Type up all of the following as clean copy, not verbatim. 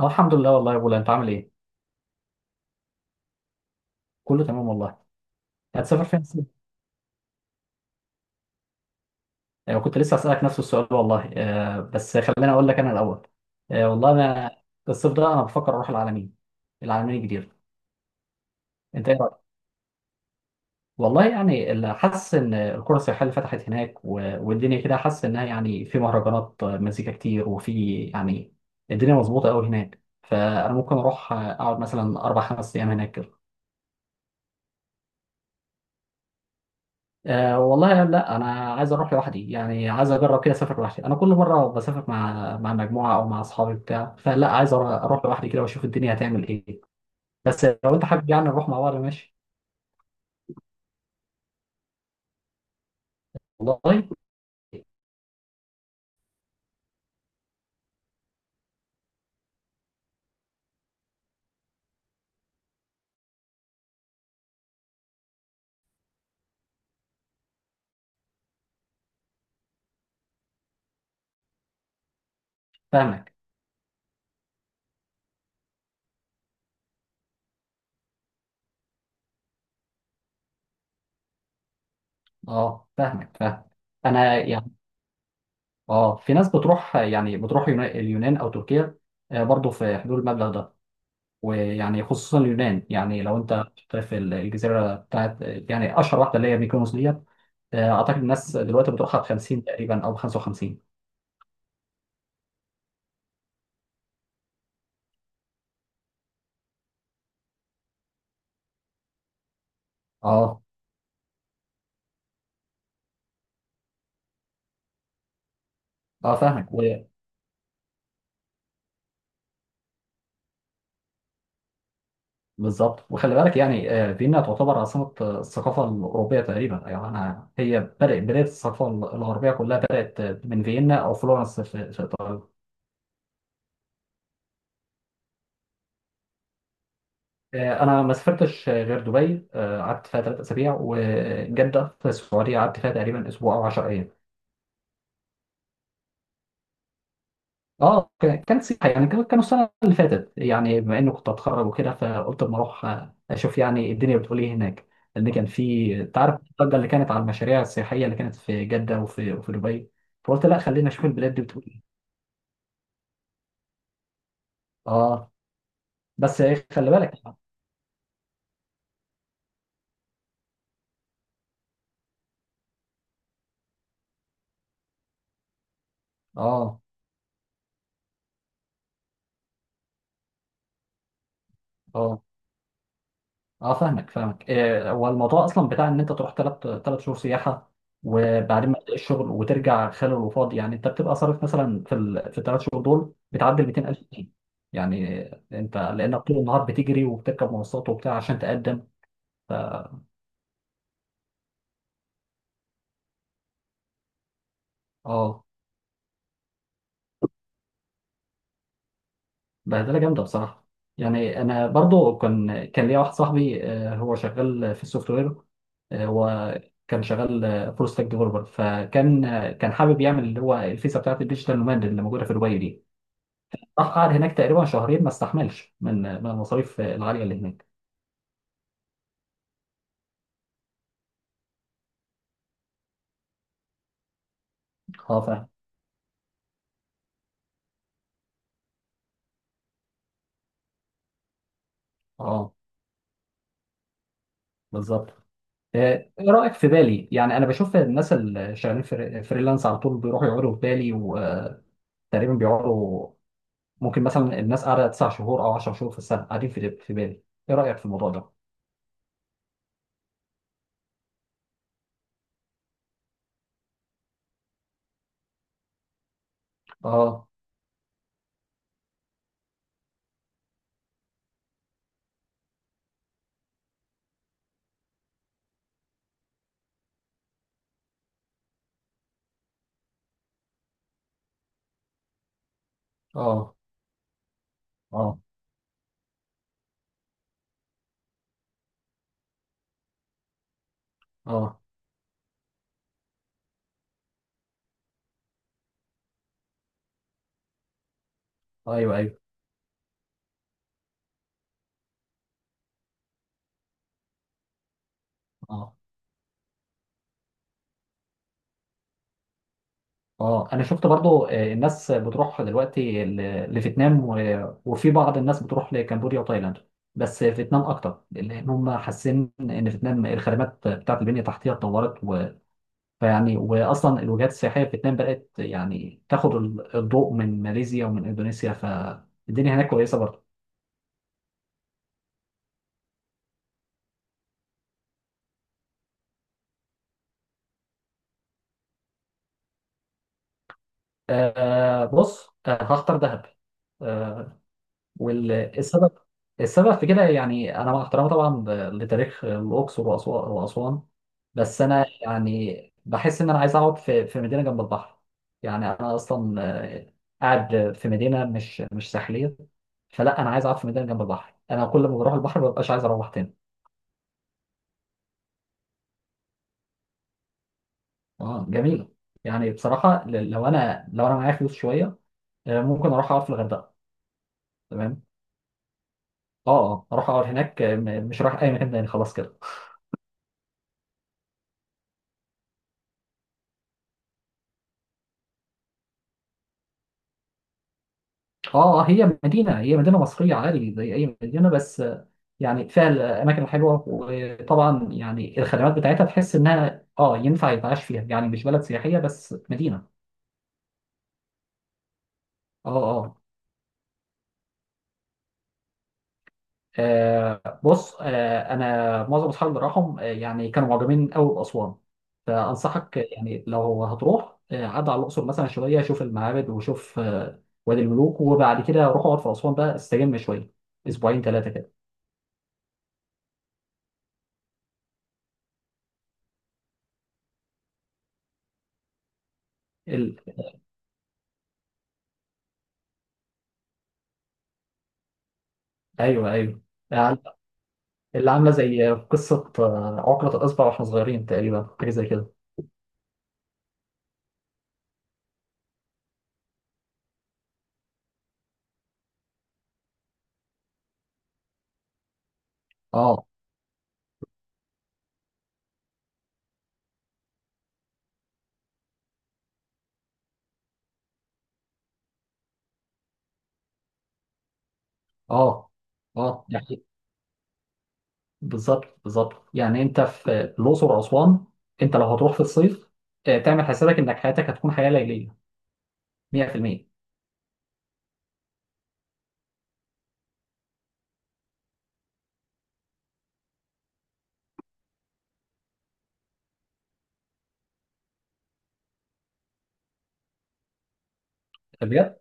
اه الحمد لله والله يا بولا، انت عامل ايه؟ كله تمام والله. هتسافر فين الصيف؟ كنت لسه هسألك نفس السؤال والله، بس خليني اقول لك انا الاول. والله انا الصيف ده انا بفكر اروح العلمين، العلمين الجديدة. انت ايه رايك؟ والله يعني اللي حاسس ان القرى السياحية اللي فتحت هناك والدنيا كده، حاسس انها يعني في مهرجانات، مزيكا كتير، وفي يعني الدنيا مظبوطة قوي هناك، فانا ممكن اروح، اقعد مثلا اربع خمس ايام هناك. أه والله لا، انا عايز اروح لوحدي، يعني عايز اجرب كده اسافر لوحدي. انا كل مره بسافر مع مجموعه او مع اصحابي بتاع، فلا عايز اروح لوحدي كده واشوف الدنيا هتعمل ايه. بس لو انت حابب، يعني نروح مع بعض ماشي. والله فاهمك. اه فاهمك فاهم. انا يعني اه في ناس بتروح، يعني بتروح اليونان او تركيا، برضه في حدود المبلغ ده. ويعني خصوصا اليونان، يعني لو انت في الجزيره بتاعت يعني اشهر واحده اللي هي ميكونوس دي، اعتقد الناس دلوقتي بتروحها ب 50 تقريبا او ب 55. اه اه فاهمك بالظبط. وخلي بالك يعني، فيينا تعتبر عاصمه، الثقافه الاوروبيه تقريبا، يعني انا هي بدات بدايه الثقافه الغربيه كلها، بدات من فيينا او فلورنس في ايطاليا. انا ما سافرتش غير دبي، قعدت فيها ثلاث اسابيع، وجده في السعوديه قعدت فيها تقريبا اسبوع او 10 ايام. اه كانت سياحه، يعني كانوا السنه اللي فاتت. يعني بما اني كنت اتخرج وكده، فقلت اما اروح اشوف يعني الدنيا بتقول ايه هناك، لان كان في، انت عارف، الضجه اللي كانت على المشاريع السياحيه اللي كانت في جده وفي دبي، فقلت لا خلينا اشوف البلاد دي بتقول ايه. اه بس إيه، خلي بالك. اه اه اه فاهمك فاهمك. إيه، هو الموضوع اصلا بتاع ان انت تروح ثلاث شهور سياحه وبعدين ما تلاقيش شغل وترجع خالي وفاضي. يعني انت بتبقى صارف مثلا في في الثلاث شهور دول بتعدي ال 200000 جنيه. يعني انت لانك طول النهار بتجري وبتركب مواصلات وبتاع عشان تقدم. اه بهدله جامده بصراحه. يعني انا برضو كان ليا واحد صاحبي، هو شغال في السوفت وير، وكان شغال فول ستاك ديفلوبر، فكان كان حابب يعمل اللي هو الفيزا بتاعت الديجيتال نوماد اللي موجوده في دبي دي. راح قعد هناك تقريبا شهرين ما استحملش من المصاريف العاليه اللي هناك. اه فاهم. اه بالظبط. آه، ايه رايك في بالي؟ يعني انا بشوف الناس اللي شغالين فريلانس على طول بيروحوا يقعدوا في بالي، وتقريبا بيقعدوا، ممكن مثلا الناس قاعده تسع شهور او 10 شهور في السنه، قاعدين في بالي. ايه رايك في الموضوع ده؟ اه اه اه اه ايوه ايوه. اه اه انا شفت برضو، الناس بتروح دلوقتي لفيتنام وفي بعض الناس بتروح لكمبوديا وتايلاند، بس فيتنام اكتر، لان هم حاسين ان فيتنام الخدمات بتاعت البنيه التحتيه اتطورت. و... فيعني واصلا الوجهات السياحيه في فيتنام بدات يعني تاخد الضوء من ماليزيا ومن اندونيسيا، فالدنيا هناك كويسه برضو. آه بص، آه هختار دهب. آه، والسبب، السبب في كده، يعني انا مع احترامي طبعا لتاريخ الاقصر واسوان، بس انا يعني بحس ان انا عايز اقعد في مدينه جنب البحر. يعني انا اصلا، آه، قاعد في مدينه مش ساحليه، فلا انا عايز اقعد في مدينه جنب البحر. انا كل ما بروح البحر ما ببقاش عايز اروح تاني. اه جميل. يعني بصراحه لو انا، معايا فلوس شويه، ممكن اروح اقعد في الغردقه، تمام. اه اه اروح اقعد هناك، مش رايح اي مكان تاني خلاص كده. اه هي مدينة مصرية عادي زي أي مدينة، بس يعني فيها الأماكن الحلوة، وطبعا يعني الخدمات بتاعتها تحس إنها اه ينفع يتعاش فيها، يعني مش بلد سياحية بس، مدينة. اه اه بص، أنا معظم أصحابي اللي راحوا، يعني كانوا معجبين أوي بأسوان. فأنصحك يعني لو هتروح، عد على الأقصر مثلا شوية شوف المعابد وشوف، وادي الملوك، وبعد كده روح اقعد في أسوان بقى استجم شوية، أسبوعين ثلاثة كده. ال- أيوه أيوه، اللي عامله زي قصه، عقده الاصبع واحنا صغيرين تقريبا، حاجه زي كده. اه اه اه يعني بالظبط بالظبط. يعني انت في الاقصر واسوان، انت لو هتروح في الصيف، تعمل حسابك انك حياتك هتكون حياه ليليه 100%. بجد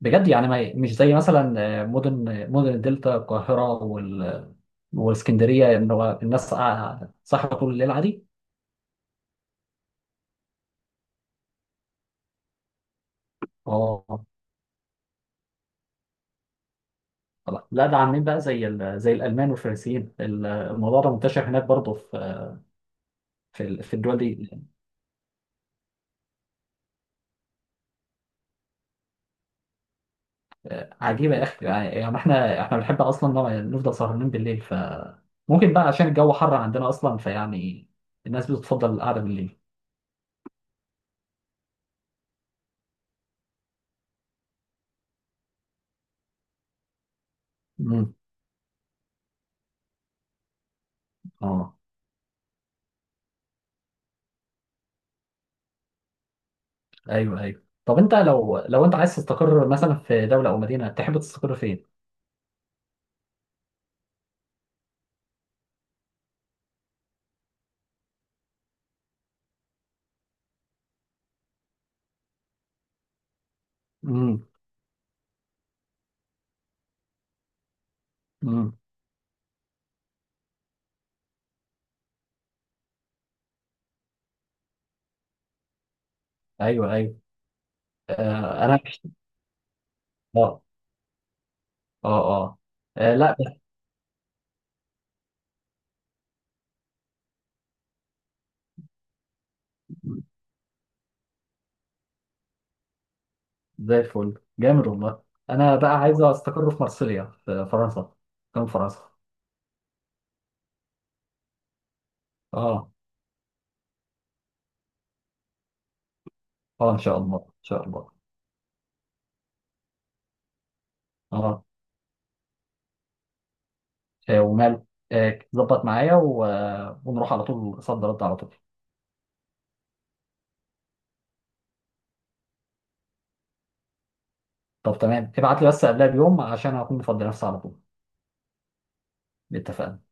بجد. يعني ما مش زي مثلا، مدن الدلتا، القاهره والاسكندريه، ان هو الناس قاعدة صاحيه طول الليل عادي. اه طبعا. لا ده عاملين بقى زي زي الالمان والفرنسيين، الموضوع ده منتشر هناك برضه في الدول دي. عجيبه يا اخي. يعني يعني احنا بنحب اصلا نفضل سهرانين بالليل، فممكن بقى عشان الجو حر عندنا اصلا، فيعني الناس بتفضل القعده بالليل. امم اه ايوه ايوه. طب انت لو لو انت عايز تستقر مثلا في دوله او مدينه، تحب تستقر فين؟ امم امم ايوه ايوه آه انا اه اه اه لا بس زي الفل جامد والله. انا بقى عايز استقر في مارسيليا في فرنسا، كان فرنسا. اه اه ان شاء الله ان شاء الله. اه وماله، ظبط معايا، و... آه، ونروح على طول صد رد على طول. طب تمام، ابعت لي بس قبلها بيوم عشان اكون مفضي نفسي على طول. اتفقنا.